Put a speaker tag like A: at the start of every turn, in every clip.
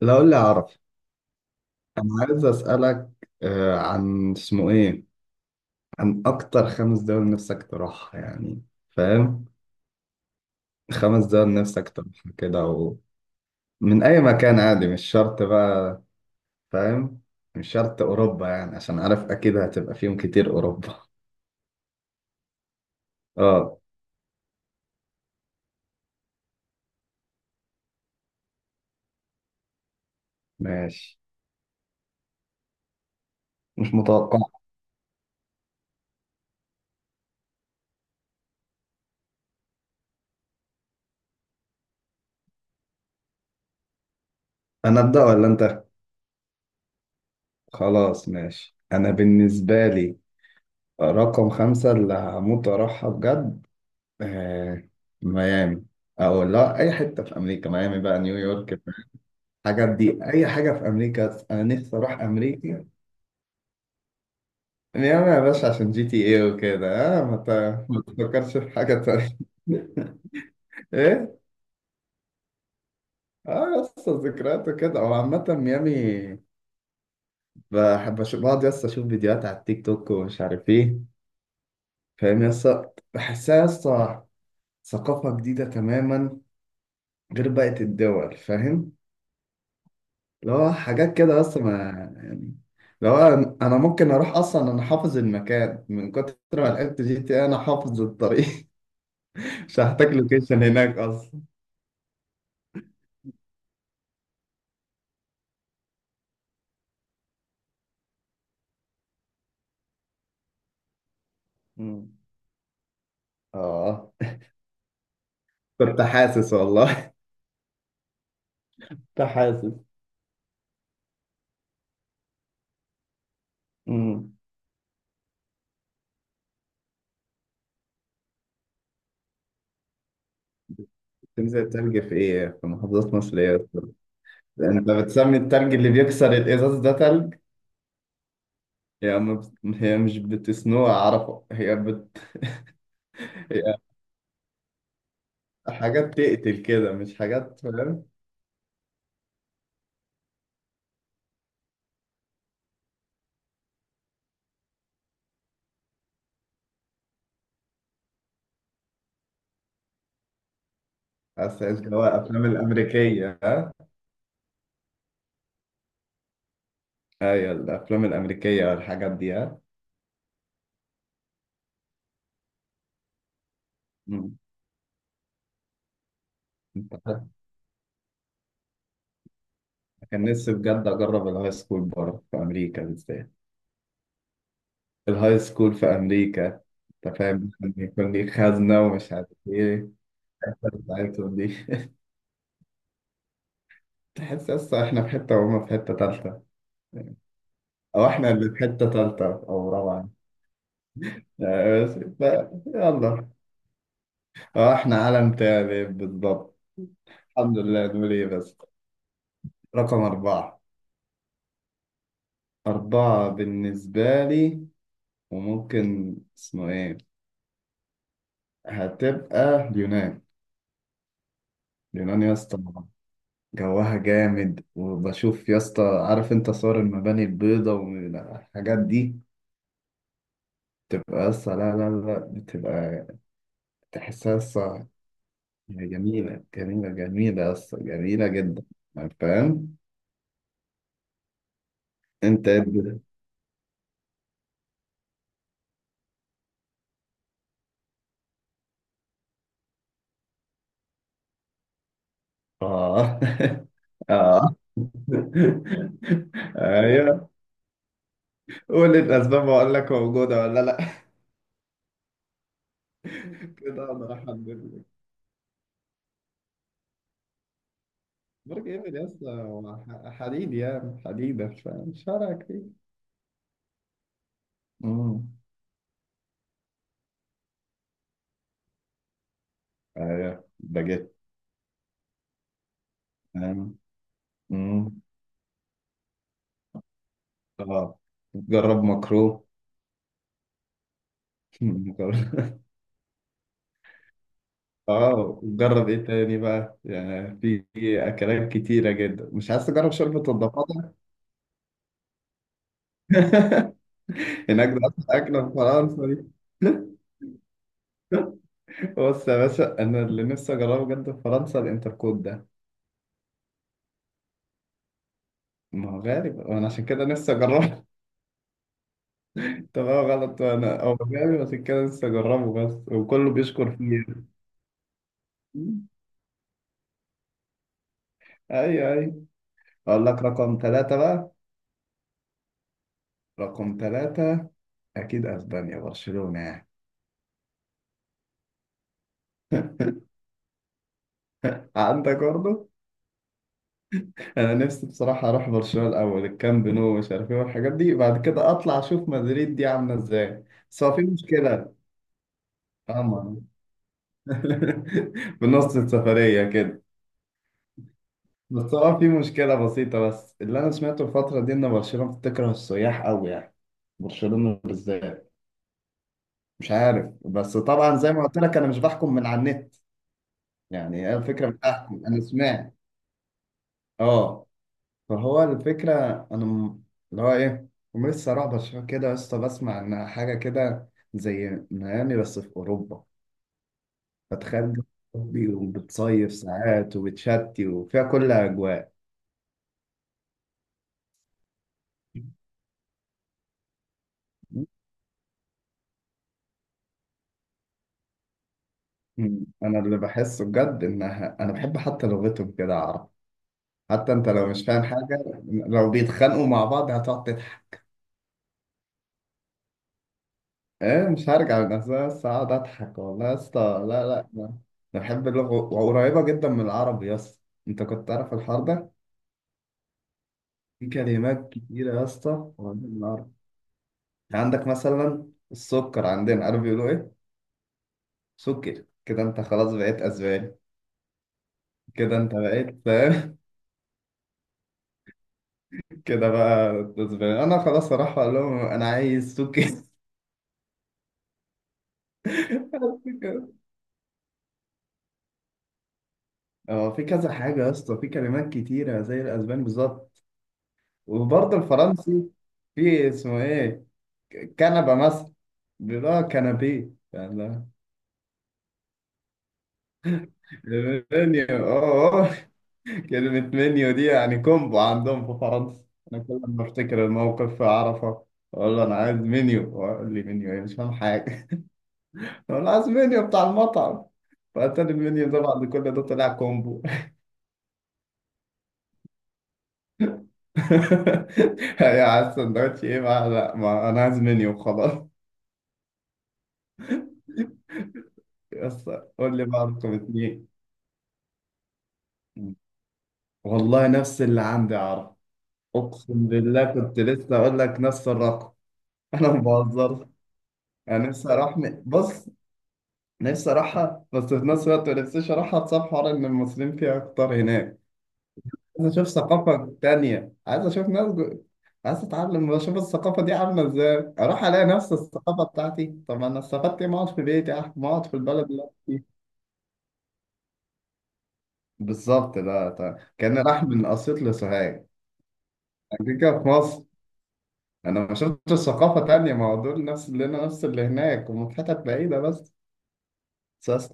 A: لا قول لي اعرف. انا عايز اسالك، عن اسمه ايه. عن اكتر خمس دول نفسك تروحها يعني، فاهم؟ خمس دول نفسك تروحها كده و... من اي مكان عادي، مش شرط بقى، فاهم، مش شرط اوروبا يعني، عشان عارف اكيد هتبقى فيهم كتير اوروبا. اه، ماشي، مش متوقع. انا ابدا ولا انت؟ خلاص ماشي. انا بالنسبه لي رقم خمسة اللي هموت واروحها بجد، آه، ميامي. او لا، اي حته في امريكا، ميامي بقى، نيويورك، الحاجات دي، اي حاجه في امريكا، انا نفسي اروح امريكا. ميامي يا باشا عشان جي تي اي وكده. اه ما تفكرش في حاجه تانية. ايه. اه، يس، ذكريات وكده. هو عامه ميامي بحب اشوف، بقعد يس اشوف فيديوهات على التيك توك ومش عارف ايه، فاهم، يس، بحسها يس ثقافه جديده تماما، غير بقيه الدول، فاهم، اللي هو حاجات كده بس ما، يعني. لو انا ممكن اروح اصلا، انا حافظ المكان من كتر ما لعبت جي تي إيه، انا حافظ الطريق. مش هحتاج لوكيشن هناك اصلا. امم، اه، كنت حاسس والله، كنت حاسس. امم، تنزل تلج في ايه؟ في محافظات مصر ايه أصلاً؟ انت بتسمي التلج اللي بيكسر الازاز ده تلج؟ هي ما بت... هي مش بتسنوه اعرفه، هي بت... هي حاجات تقتل كده، مش حاجات، فاهم. بس جوا افلام الامريكيه. ايوه الافلام الامريكيه والحاجات دي، ها؟ مم. انت عارف، كان نفسي بجد اجرب الهاي سكول بره في امريكا بالذات. الهاي سكول في امريكا. انت فاهم، ممكن يكون ليك خزنه ومش عارف ايه. الحتة بتاعتهم دي. تحس اصلا احنا في حته وهم في حته تالته، او احنا اللي في حته تالته او رابعه، يعني. بس يلا. اه، احنا عالم تاني بالضبط، الحمد لله، نقول ايه بس. رقم اربعه. اربعه بالنسبه لي وممكن اسمه ايه، هتبقى اليونان. اليونان يا اسطى، جوها جامد. وبشوف يا اسطى، عارف انت، صور المباني البيضاء والحاجات دي، تبقى يا اسطى لا بتبقى، تحسها يا اسطى، جميلة جميلة جميلة يا اسطى، جميلة جدا، فاهم. انت إيه الدنيا؟ اه اه. ايوه، قول الاسباب واقول لك موجودة ولا لا. كده انا هحدد. برج ايفل يا اسطى هو حديد، يعني حديدة، فمش فارقة كتير. امم، ايوه باجيت، فاهم، امم، اه. جرب مكرو. جرب- اه، جرب ايه تاني بقى، يعني في اكلات كتيرة جدا. مش عايز تجرب شوربة الضفادع؟ هناك ده اصلا اكلة في فرنسا دي؟ بص يا باشا، انا اللي نفسي اجربه بجد في فرنسا الانتركوت ده. ما هو غالي بقى، وانا عشان كده نفسي اجربه. طبعا غلط، انا هو جامد عشان كده لسه اجربه بس، وكله بيشكر فيه يعني. ايوه ايوه. اقول لك رقم ثلاثة بقى. رقم ثلاثة، اكيد اسبانيا، برشلونة يعني. عندك برضه. انا نفسي بصراحة اروح برشلونة الاول، الكامب نو مش عارف ايه والحاجات دي، بعد كده اطلع اشوف مدريد دي عاملة ازاي. بس هو في مشكلة. طبعا. في نص السفرية كده. بس هو في مشكلة بسيطة، بس اللي انا سمعته الفترة دي ان برشلونة بتكره السياح قوي يعني، برشلونة بالذات. مش عارف، بس طبعا زي ما قلت لك، انا مش بحكم من على النت، يعني هي الفكره، مش بحكم، انا سمعت. اه، فهو الفكره، انا م- اللي هو ايه، هم لسه رعب شويه كده يا اسطى، بسمع ان حاجه كده زي ميامي بس في اوروبا. فتخيل جو أوروبي، وبتصيف ساعات وبتشتي وفيها كل اجواء. م. انا اللي بحسه بجد انها، انا بحب حتى لغتهم كده، اعرف، حتى انت لو مش فاهم حاجه، لو بيتخانقوا مع بعض هتقعد. ايه، مش هرجع لنفسها بس، اقعد اضحك والله يا اسطى. لا انا، أنا بحب اللغه وقريبه جدا من العربي يا اسطى. انت كنت تعرف الحوار ده؟ في كلمات كتيره يا اسطى قريبه من العربي. يعني عندك مثلا السكر عندنا، عارف بيقولوا ايه؟ سكر. كده انت خلاص بقيت اسباني. كده انت بقيت فاهم. كده بقى. اسباني، انا خلاص اروح اقول لهم انا عايز سكر. اه، في كذا حاجه يا اسطى، في كلمات كتيره زي الاسباني بالظبط. وبرضه الفرنسي، في اسمه ايه، كنبه مثلا، بيقول اه كنبيه يعني. المنيو، اه اه، كلمة منيو دي يعني كومبو عندهم في فرنسا. أنا كل ما أفتكر الموقف في عرفة، أقول له أنا عايز منيو، وأقول لي منيو إيه، مش فاهم حاجة. أقول له عايز منيو بتاع المطعم، فأتاري المنيو ده بعد كل ده طلع كومبو. يا عايز سندوتش إيه بقى، لا ما أنا عايز منيو خلاص. يس. قول لي بقى رقم اتنين. والله نفس اللي عندي يا عرفة. اقسم بالله كنت لسه اقول لك نفس الرقم. انا ما بهزرش. انا نفسي اروح بص، نفسي اروحها، بس في نفس الوقت ما نفسيش اروحها بسبب حوار ان المصريين فيها اكتر هناك. عايز اشوف ثقافة تانية، عايز اشوف ناس جو... عايز اتعلم، اشوف الثقافة دي عاملة ازاي. اروح الاقي نفس الثقافة بتاعتي، طب انا استفدت إيه؟ ما اقعد في بيتي، ما اقعد في البلد اللي أنا فيها. بالظبط. ده كان راح من اسيوط لسوهاج، كان كده كده في مصر. انا ما شفتش ثقافه تانية، ما هو دول نفس اللي هنا، نفس اللي هناك، ومن حتت بعيده بس. بس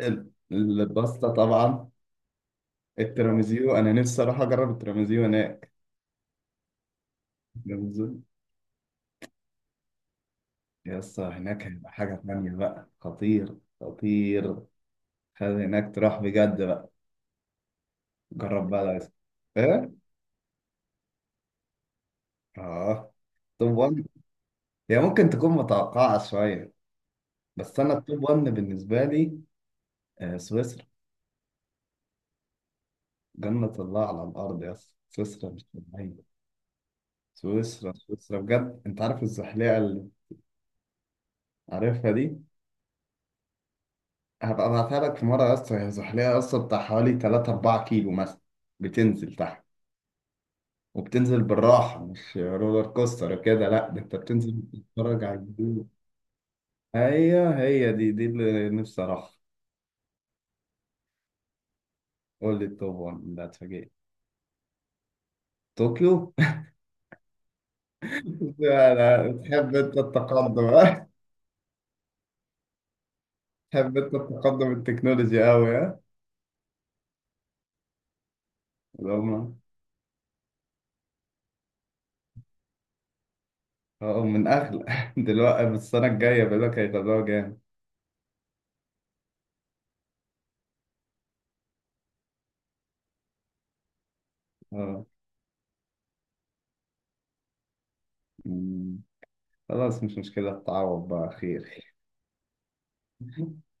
A: الباستا طبعا. التراميزيو، انا نفسي اروح اجرب التراميزيو هناك. التراميزيو يا اسطى، هناك هيبقى حاجه تانية بقى، خطير خطير. خلي هناك تروح بجد بقى. جرب بقى، لازم. ايه. اه. توب 1، هي ممكن تكون متوقعه شويه، بس انا التوب 1 بالنسبه لي، سويسرا. جنه الله على الارض يا اسطى، سويسرا مش طبيعيه. سويسرا سويسرا بجد. انت عارف الزحليقه اللي عارفها دي؟ هبقى ابعتها لك في مره يا اسطى. هي زحليقه يا اسطى بتاع حوالي 3 4 كيلو مثلا، بتنزل تحت، وبتنزل بالراحه، مش رولر كوستر كده، لا ده انت بتنزل بتتفرج على الجبال. هي دي اللي نفسي اروحها. قول لي التوب، ده اتفاجئت. طوكيو. لا لا، تحب انت التقدم ها؟ تحب انت التقدم التكنولوجي قوي ها. اللي هم، اه، من اغلى دلوقتي، بس السنه الجايه بيقول لك هيغلوها جامد. اه. مم. خلاص مش مشكلة، تعوض بقى، خير.